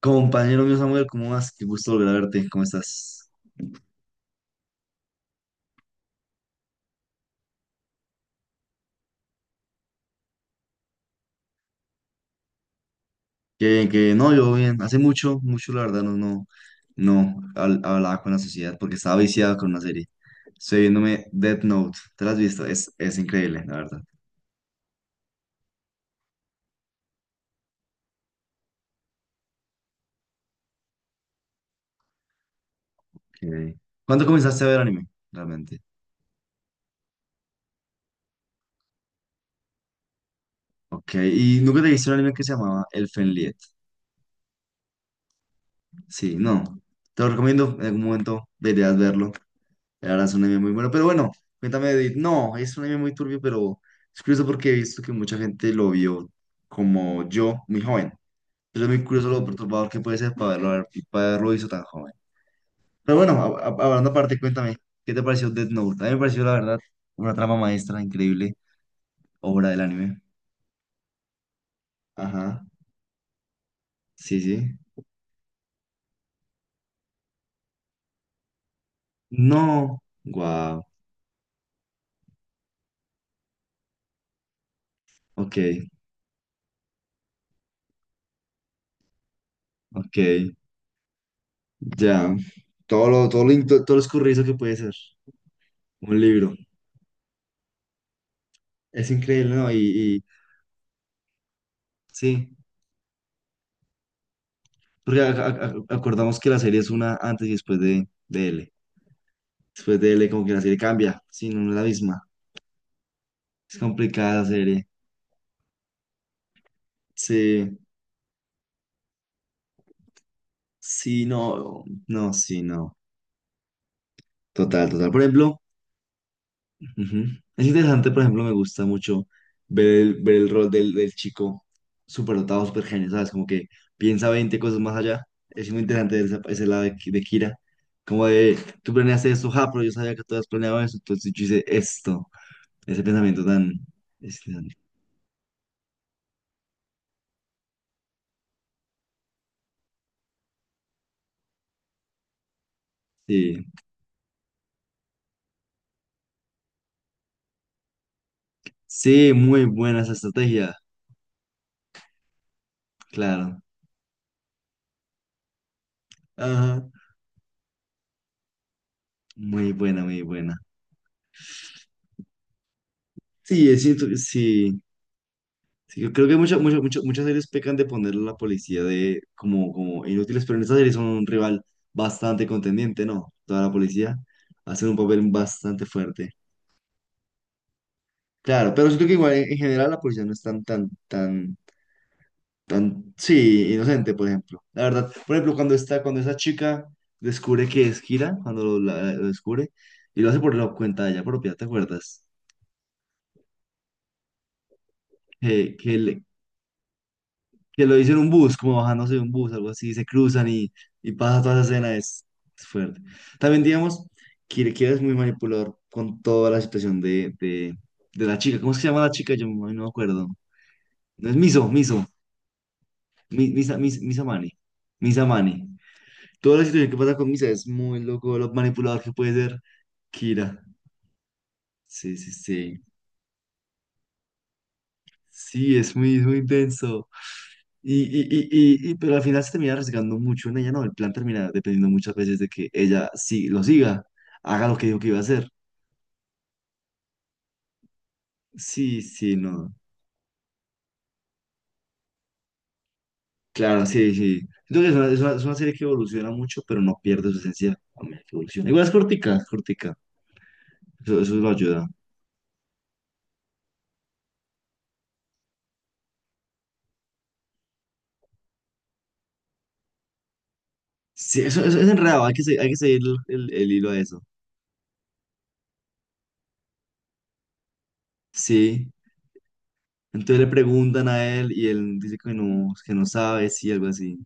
Compañero mío Samuel, ¿cómo vas? Qué gusto volver a verte, ¿cómo estás? Qué bien, qué bien. No, yo bien. Hace mucho, mucho, la verdad, no, no, no hablaba con la sociedad porque estaba viciado con una serie. Estoy viéndome Death Note. ¿Te la has visto? Es increíble, la verdad. Ok. ¿Cuándo comenzaste a ver anime? Realmente. Ok, y nunca te viste un anime que se llamaba El Fenliet. Sí, no. Te lo recomiendo, en algún momento deberías verlo. La verdad es un anime muy bueno. Pero bueno, cuéntame, Edith. No, es un anime muy turbio, pero es curioso porque he visto que mucha gente lo vio como yo, muy joven. Pero es muy curioso lo perturbador que puede ser para verlo, para haberlo visto tan joven. Pero bueno, hablando aparte, cuéntame, ¿qué te pareció Death Note? A mí me pareció, la verdad, una trama maestra increíble, obra del anime. Ajá, sí, sí. No, wow, ok, ok. Ya, todo lo escurridizo que puede ser un libro. Es increíble, ¿no? Y sí, porque acordamos que la serie es una antes y después de L. Después de L, como que la serie cambia, sí, no no es la misma. Es complicada la serie. Sí, sí, no, no, sí, no. Total, total. Por ejemplo, ujú. Es interesante, por ejemplo, me gusta mucho ver el rol del chico súper dotado, súper genio, ¿sabes? Como que piensa 20 cosas más allá. Es muy interesante ese lado de Kira. Como de, tú planeaste esto, ja, pero yo sabía que tú habías planeado eso, entonces yo hice esto. Ese pensamiento tan, es tan. Sí, sí, muy buena esa estrategia, claro. Ajá, muy buena, muy buena. Sí, es cierto, sí. Sí, yo creo que muchas muchas muchas muchas series pecan de poner a la policía de como inútiles, pero en esta serie son un rival bastante contendiente, ¿no? Toda la policía hace un papel bastante fuerte. Claro, pero siento que igual en general la policía no es tan, tan, tan, tan, sí, inocente, por ejemplo. La verdad, por ejemplo, cuando está, cuando esa chica descubre que es Kira, cuando lo descubre, y lo hace por la cuenta de ella propia, ¿te acuerdas? Que, que, le- que lo hizo en un bus, como bajándose de un bus, algo así, se cruzan y pasa toda esa escena, es fuerte. También, digamos, que es muy manipulador con toda la situación de, la chica. ¿Cómo es que se llama la chica? Yo no no me acuerdo. No es Miso, Miso, Misa, Misa, Mani, Misa Mani. Toda la situación que pasa con Misa es muy loco, lo manipulador que puede ser Kira. Sí, sí, sí. Sí, es muy, intenso. Y, y, y, pero al final se termina arriesgando mucho en ella, ¿no? El plan termina dependiendo muchas veces de que ella sí lo siga, haga lo que dijo que iba a hacer. Sí, sí, no. Claro, sí, sí. Siento que es una serie que evoluciona mucho, pero no pierde su esencia a medida que evoluciona. Igual es cortica, es cortica. Eso lo ayuda. Sí, eso es enredado, hay que seguir el, el hilo a eso. Sí. Entonces le preguntan a él y él dice que no sabe, sí, algo así.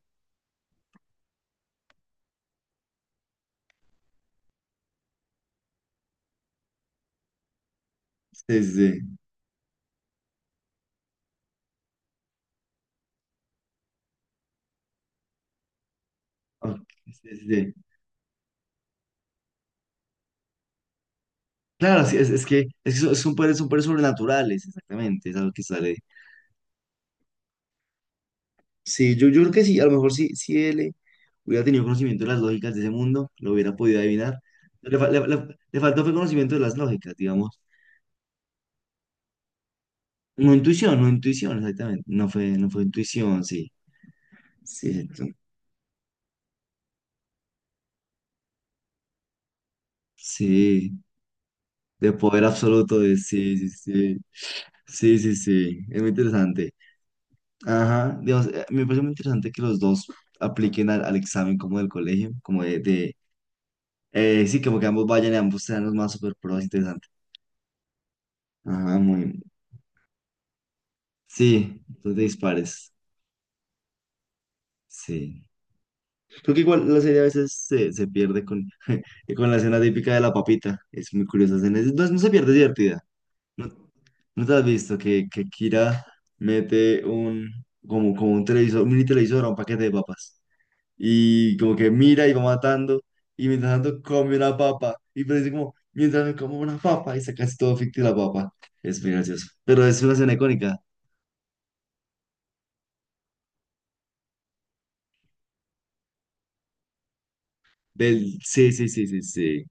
Sí, sí, sí. Ok, sí, sí, sí. Claro, sí, es, es que son poderes, son poderes sobrenaturales, exactamente, es algo que sale. Sí, yo creo que sí, a lo mejor sí, si él hubiera tenido conocimiento de las lógicas de ese mundo, lo hubiera podido adivinar. Le, fa- le- le- le faltó fue conocimiento de las lógicas, digamos. No intuición, no intuición, exactamente. No fue intuición, sí. Cierto. Sí, de poder absoluto, de, sí, sí, sí. Sí, sí, sí, es muy interesante. Ajá, digamos, me parece muy interesante que los dos apliquen al examen como del colegio, como sí, como que ambos vayan y ambos sean los más super pros, interesante. Ajá, muy. Sí, dos dispares. Sí. Creo que igual la serie a veces se pierde con la escena típica de la papita. Es muy curiosa escena. No, no se pierde, es divertida. ¿No, no te has visto que Kira mete como un televisor, un mini televisor a un paquete de papas? Y como que mira y va matando y mientras tanto come una papa y parece como mientras me como una papa y saca así todo ficti la papa. Es muy gracioso. Pero es una escena icónica del sí, sí, sí, sí, sí.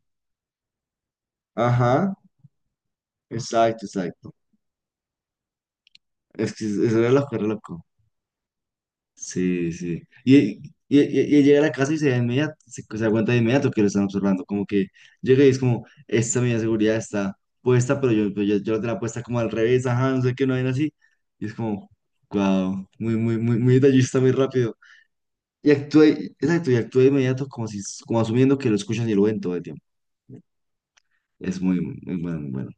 Ajá, exacto, exacto. Es que eso era la loco. Sí, sí. Y llega a la casa y se da inmediato, se da cuenta de inmediato que lo están observando. Como que llega y es como, esta medida de seguridad está puesta, pero yo te la tenía puesta como al revés, ajá, no sé qué, no hay así. Y es como, wow, muy, muy, muy, muy detallista, muy rápido. Y actúa, exacto, y actúa de inmediato como si, como asumiendo que lo escuchan y lo ven todo el tiempo. Es muy, muy bueno, muy bueno.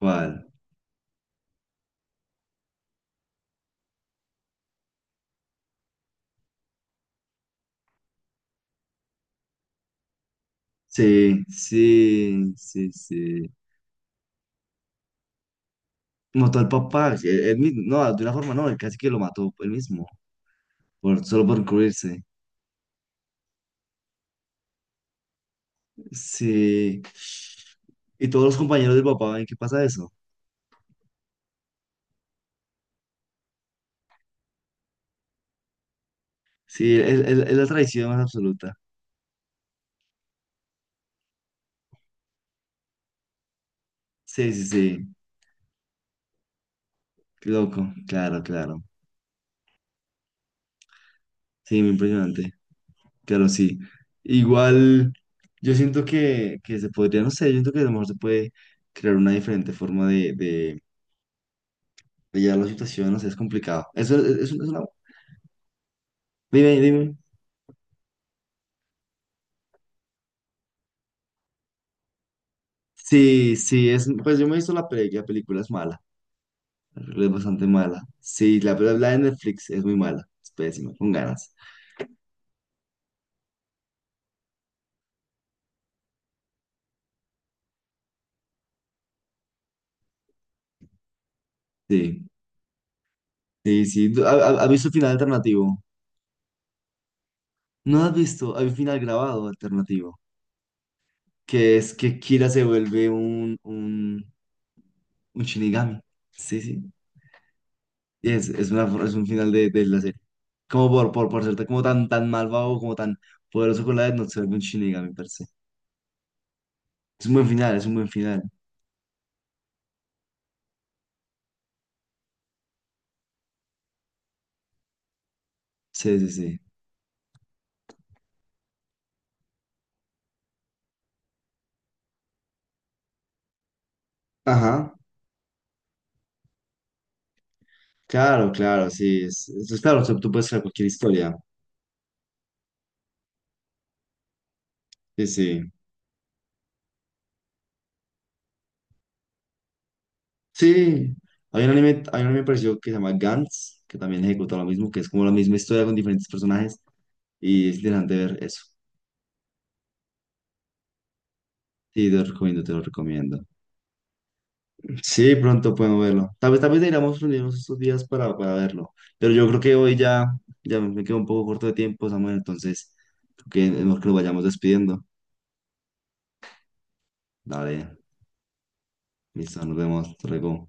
¿Cuál? Sí, sí, sí, sí. Mató al papá, sí, él mismo, no, de una forma no, él casi que lo mató él mismo. Solo por cubrirse. Sí. Y todos los compañeros del papá, ¿en qué pasa eso? Sí, es la traición más absoluta. Sí, sí, sí. Qué loco. Claro, claro. Sí, muy impresionante. Claro, sí. Igual, yo siento que se podría, no sé, yo siento que a lo mejor se puede crear una diferente forma de, de llevar la situación, no sé, es complicado. Eso es una. Dime, dime. Sí, sí, es, pues yo me he visto la película, es mala. La película es bastante mala. Sí, la de Netflix es muy mala. Es pésima, con ganas. Sí, sí, sí. ¿Has visto el final alternativo? No has visto. Hay un final grabado alternativo. Que es que Kira se vuelve un, un Shinigami. Sí, sí. Y es un final de, la serie. Como por ser como tan, tan malvado, como tan poderoso con la Death Note, se vuelve un Shinigami per se. Es un buen final, es un buen final. Sí, sí, sí. Ajá. Claro, claro, sí. Claro, tú puedes hacer cualquier historia. Sí, sí. Sí, hay un anime parecido que se llama Gantz, que también ejecuta lo mismo, que es como la misma historia con diferentes personajes y es interesante ver eso. Sí, te lo recomiendo, te lo recomiendo. Sí, pronto podemos verlo. Tal vez deberíamos reunirnos estos días para, verlo, pero yo creo que hoy ya, ya me quedo un poco corto de tiempo, Samuel, entonces creo que es mejor que nos vayamos despidiendo. Dale, listo, nos vemos, hasta luego.